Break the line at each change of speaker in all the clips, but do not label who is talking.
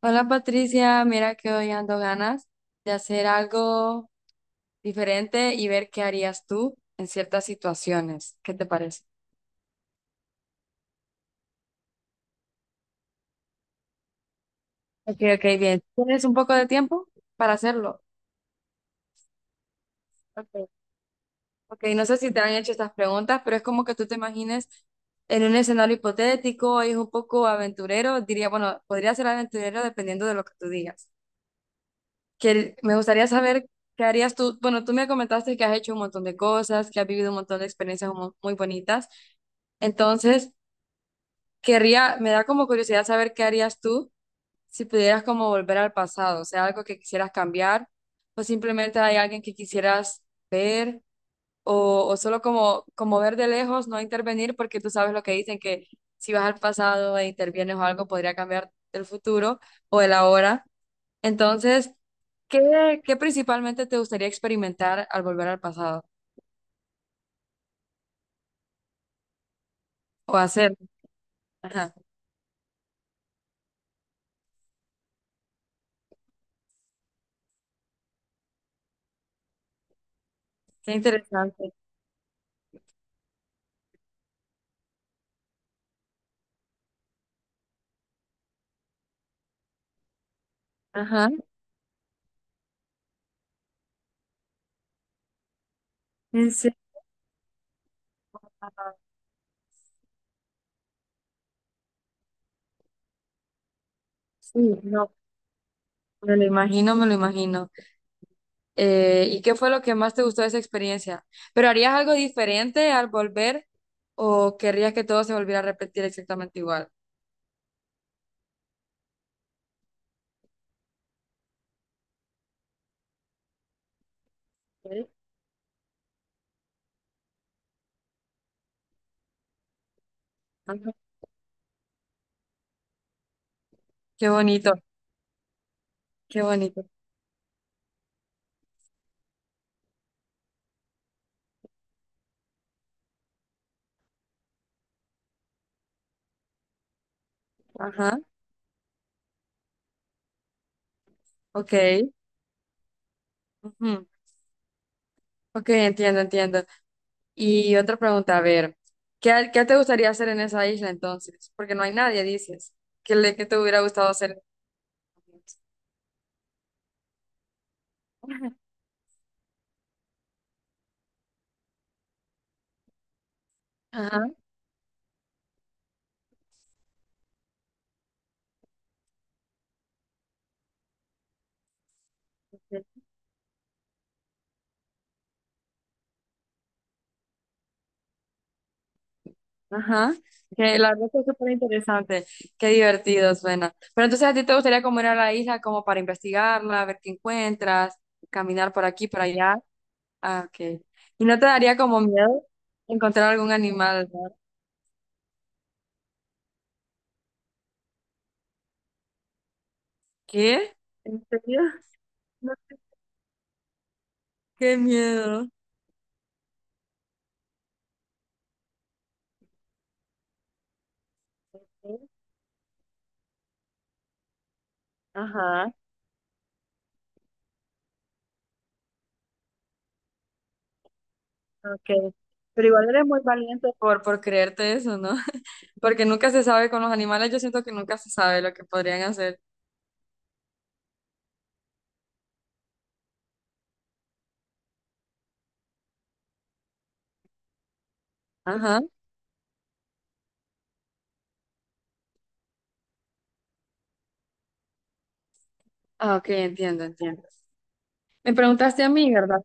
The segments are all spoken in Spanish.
Hola Patricia, mira que hoy ando ganas de hacer algo diferente y ver qué harías tú en ciertas situaciones. ¿Qué te parece? Ok, ok, bien. ¿Tienes un poco de tiempo para hacerlo? Ok. Ok, no sé si te han hecho estas preguntas, pero es como que tú te imagines en un escenario hipotético, es un poco aventurero, diría, bueno, podría ser aventurero dependiendo de lo que tú digas. Que me gustaría saber qué harías tú. Bueno, tú me comentaste que has hecho un montón de cosas, que has vivido un montón de experiencias muy bonitas. Entonces, querría, me da como curiosidad saber qué harías tú si pudieras como volver al pasado, o sea, algo que quisieras cambiar, o simplemente hay alguien que quisieras ver, o solo como, como ver de lejos, no intervenir, porque tú sabes lo que dicen, que si vas al pasado e intervienes o algo, podría cambiar el futuro o el ahora. Entonces, ¿qué principalmente te gustaría experimentar al volver al pasado o hacer? Ajá, qué interesante. Ajá. ¿En serio? Sí, no. Me lo imagino, me lo imagino. ¿Y qué fue lo que más te gustó de esa experiencia? ¿Pero harías algo diferente al volver o querrías que todo se volviera a repetir exactamente igual? Ok, ajá. Qué bonito, qué bonito. Ajá, ok. Ujú. Ok, entiendo, entiendo. Y otra pregunta, a ver, ¿qué te gustaría hacer en esa isla entonces? Porque no hay nadie, dices. ¿Qué, le, qué te hubiera gustado hacer en esa isla? Ajá. Ajá, que la verdad que es súper interesante, qué divertido suena. Pero entonces a ti te gustaría como ir a la isla como para investigarla, ver qué encuentras, caminar por aquí, por allá. Ah, ok. ¿Y no te daría como miedo encontrar algún animal? ¿No? ¿Qué? ¿En serio? No, qué miedo. Ajá, ok. Pero igual eres muy valiente por creerte eso, ¿no? Porque nunca se sabe con los animales, yo siento que nunca se sabe lo que podrían hacer. Ajá. Ah, ok, entiendo, entiendo. Me preguntaste a mí, ¿verdad?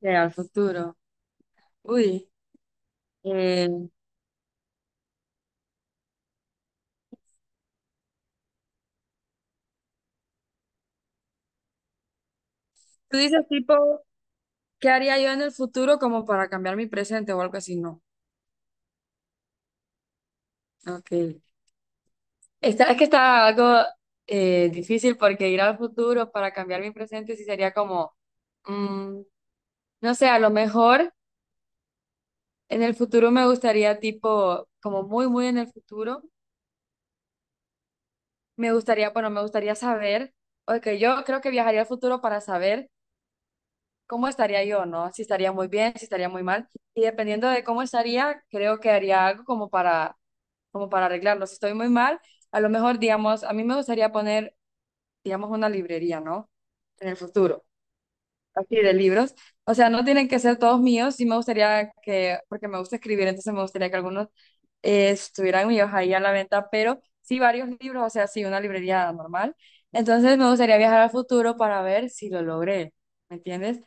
Que al futuro. Uy, eh, tú dices tipo, ¿qué haría yo en el futuro como para cambiar mi presente o algo así? No. Ok. Esta, es que está algo difícil porque ir al futuro para cambiar mi presente sí sería como, mm, no sé, a lo mejor en el futuro me gustaría tipo, como muy, muy en el futuro, me gustaría, bueno, me gustaría saber, ok, yo creo que viajaría al futuro para saber cómo estaría yo, ¿no? Si estaría muy bien, si estaría muy mal. Y dependiendo de cómo estaría, creo que haría algo como para, como para arreglarlo. Si estoy muy mal, a lo mejor, digamos, a mí me gustaría poner, digamos, una librería, ¿no? En el futuro así de libros. O sea, no tienen que ser todos míos, sí me gustaría que, porque me gusta escribir, entonces me gustaría que algunos estuvieran míos ahí a la venta, pero sí varios libros, o sea, sí una librería normal. Entonces me gustaría viajar al futuro para ver si lo logré, ¿me entiendes?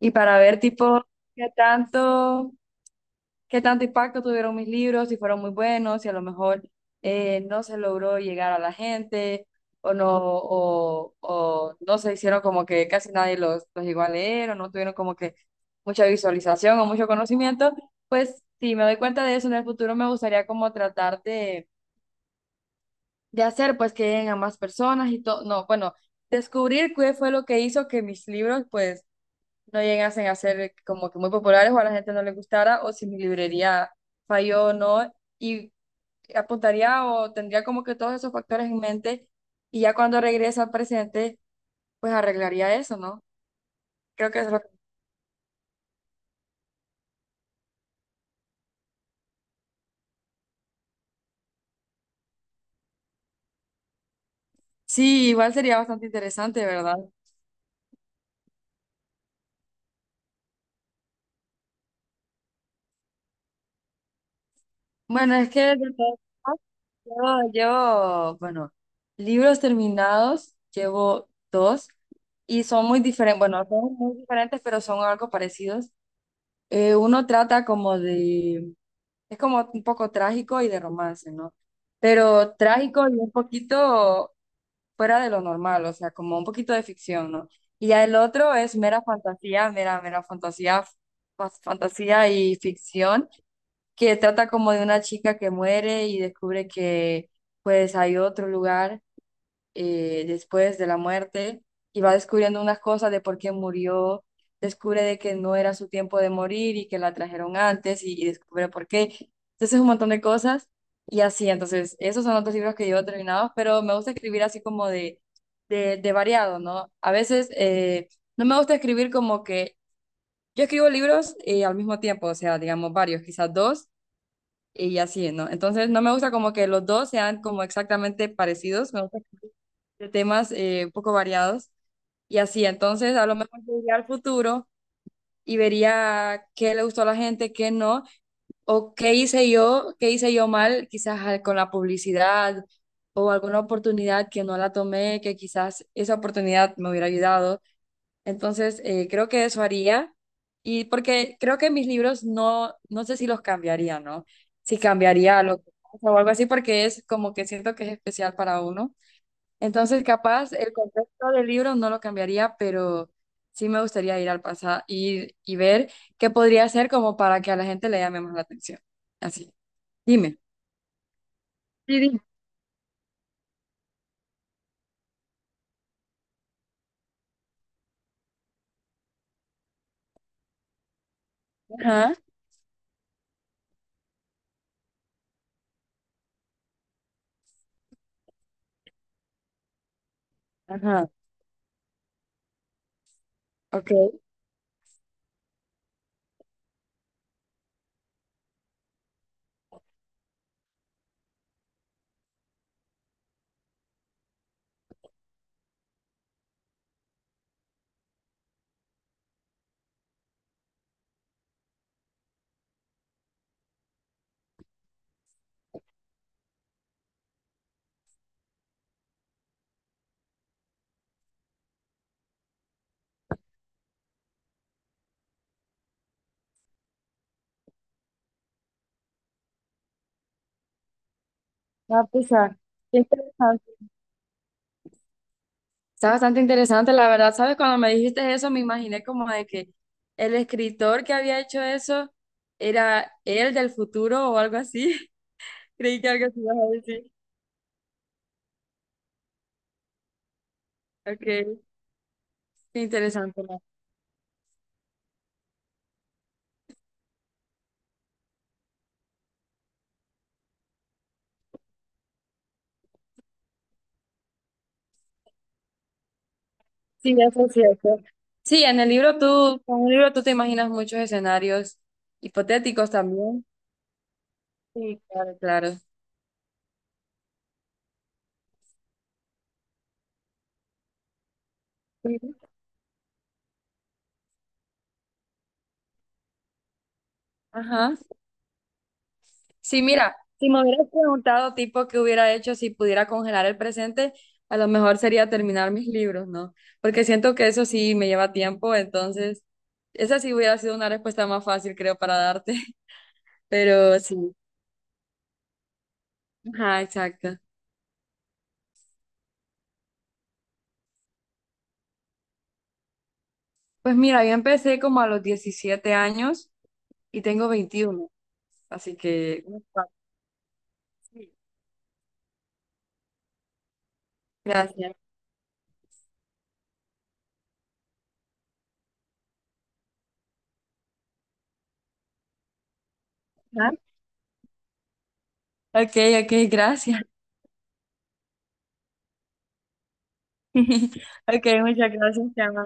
Y para ver tipo qué tanto qué tanto impacto tuvieron mis libros, si fueron muy buenos, si a lo mejor no se logró llegar a la gente o no se hicieron como que casi nadie los llegó a leer o no tuvieron como que mucha visualización o mucho conocimiento, pues si me doy cuenta de eso en el futuro me gustaría como tratar de hacer pues que lleguen a más personas y todo, no, bueno, descubrir qué fue lo que hizo que mis libros pues no llegasen a ser como que muy populares o a la gente no le gustara o si mi librería falló o no. Y apuntaría o tendría como que todos esos factores en mente y ya cuando regrese al presente, pues arreglaría eso, ¿no? Creo que eso es lo que... Sí, igual sería bastante interesante, ¿verdad? Bueno, es que de todas formas, bueno, libros terminados, llevo 2 y son muy diferentes, bueno, son muy diferentes, pero son algo parecidos. Uno trata como de es como un poco trágico y de romance, ¿no? Pero trágico y un poquito fuera de lo normal, o sea, como un poquito de ficción, ¿no? Y ya el otro es mera fantasía, mera, mera fantasía, fantasía y ficción, que trata como de una chica que muere y descubre que pues hay otro lugar después de la muerte y va descubriendo unas cosas de por qué murió, descubre de que no era su tiempo de morir y que la trajeron antes y descubre por qué. Entonces un montón de cosas y así, entonces esos son otros libros que yo he terminado, pero me gusta escribir así como de, de variado, ¿no? A veces no me gusta escribir como que yo escribo libros al mismo tiempo, o sea, digamos varios, quizás dos y así, ¿no? Entonces no me gusta como que los dos sean como exactamente parecidos, me gusta que de temas un poco variados y así, entonces a lo mejor yo iría al futuro y vería qué le gustó a la gente, qué no, o qué hice yo mal, quizás con la publicidad o alguna oportunidad que no la tomé, que quizás esa oportunidad me hubiera ayudado. Entonces, creo que eso haría. Y porque creo que mis libros no, no sé si los cambiaría, ¿no? Si cambiaría lo que pasa o algo así, porque es como que siento que es especial para uno. Entonces, capaz el contexto del libro no lo cambiaría, pero sí me gustaría ir al pasado y ver qué podría hacer como para que a la gente le llame más la atención. Así. Dime. Ajá, ajá. Ok. Ah, pues, ah, qué interesante. Está bastante interesante, la verdad, ¿sabes? Cuando me dijiste eso, me imaginé como de que el escritor que había hecho eso era él del futuro o algo así. Creí que algo así ibas a decir. Ok, qué interesante. ¿No? Sí, eso es cierto. Sí, en el libro tú, con un libro tú te imaginas muchos escenarios hipotéticos también. Sí, claro, claro. Sí. Ajá. Sí, mira, si me hubieras preguntado tipo qué hubiera hecho si pudiera congelar el presente, a lo mejor sería terminar mis libros, ¿no? Porque siento que eso sí me lleva tiempo, entonces esa sí hubiera sido una respuesta más fácil, creo, para darte, pero sí. Ajá, exacto. Pues mira, yo empecé como a los 17 años y tengo 21, así que... unos cuatro. Sí. Gracias. Ajá. Ok, ok, gracias. Ok, muchas gracias, te amo,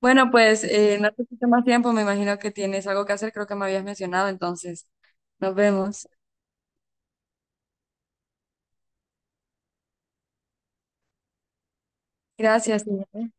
bueno, pues no te quito más tiempo, me imagino que tienes algo que hacer, creo que me habías mencionado, entonces nos vemos. Gracias, señora.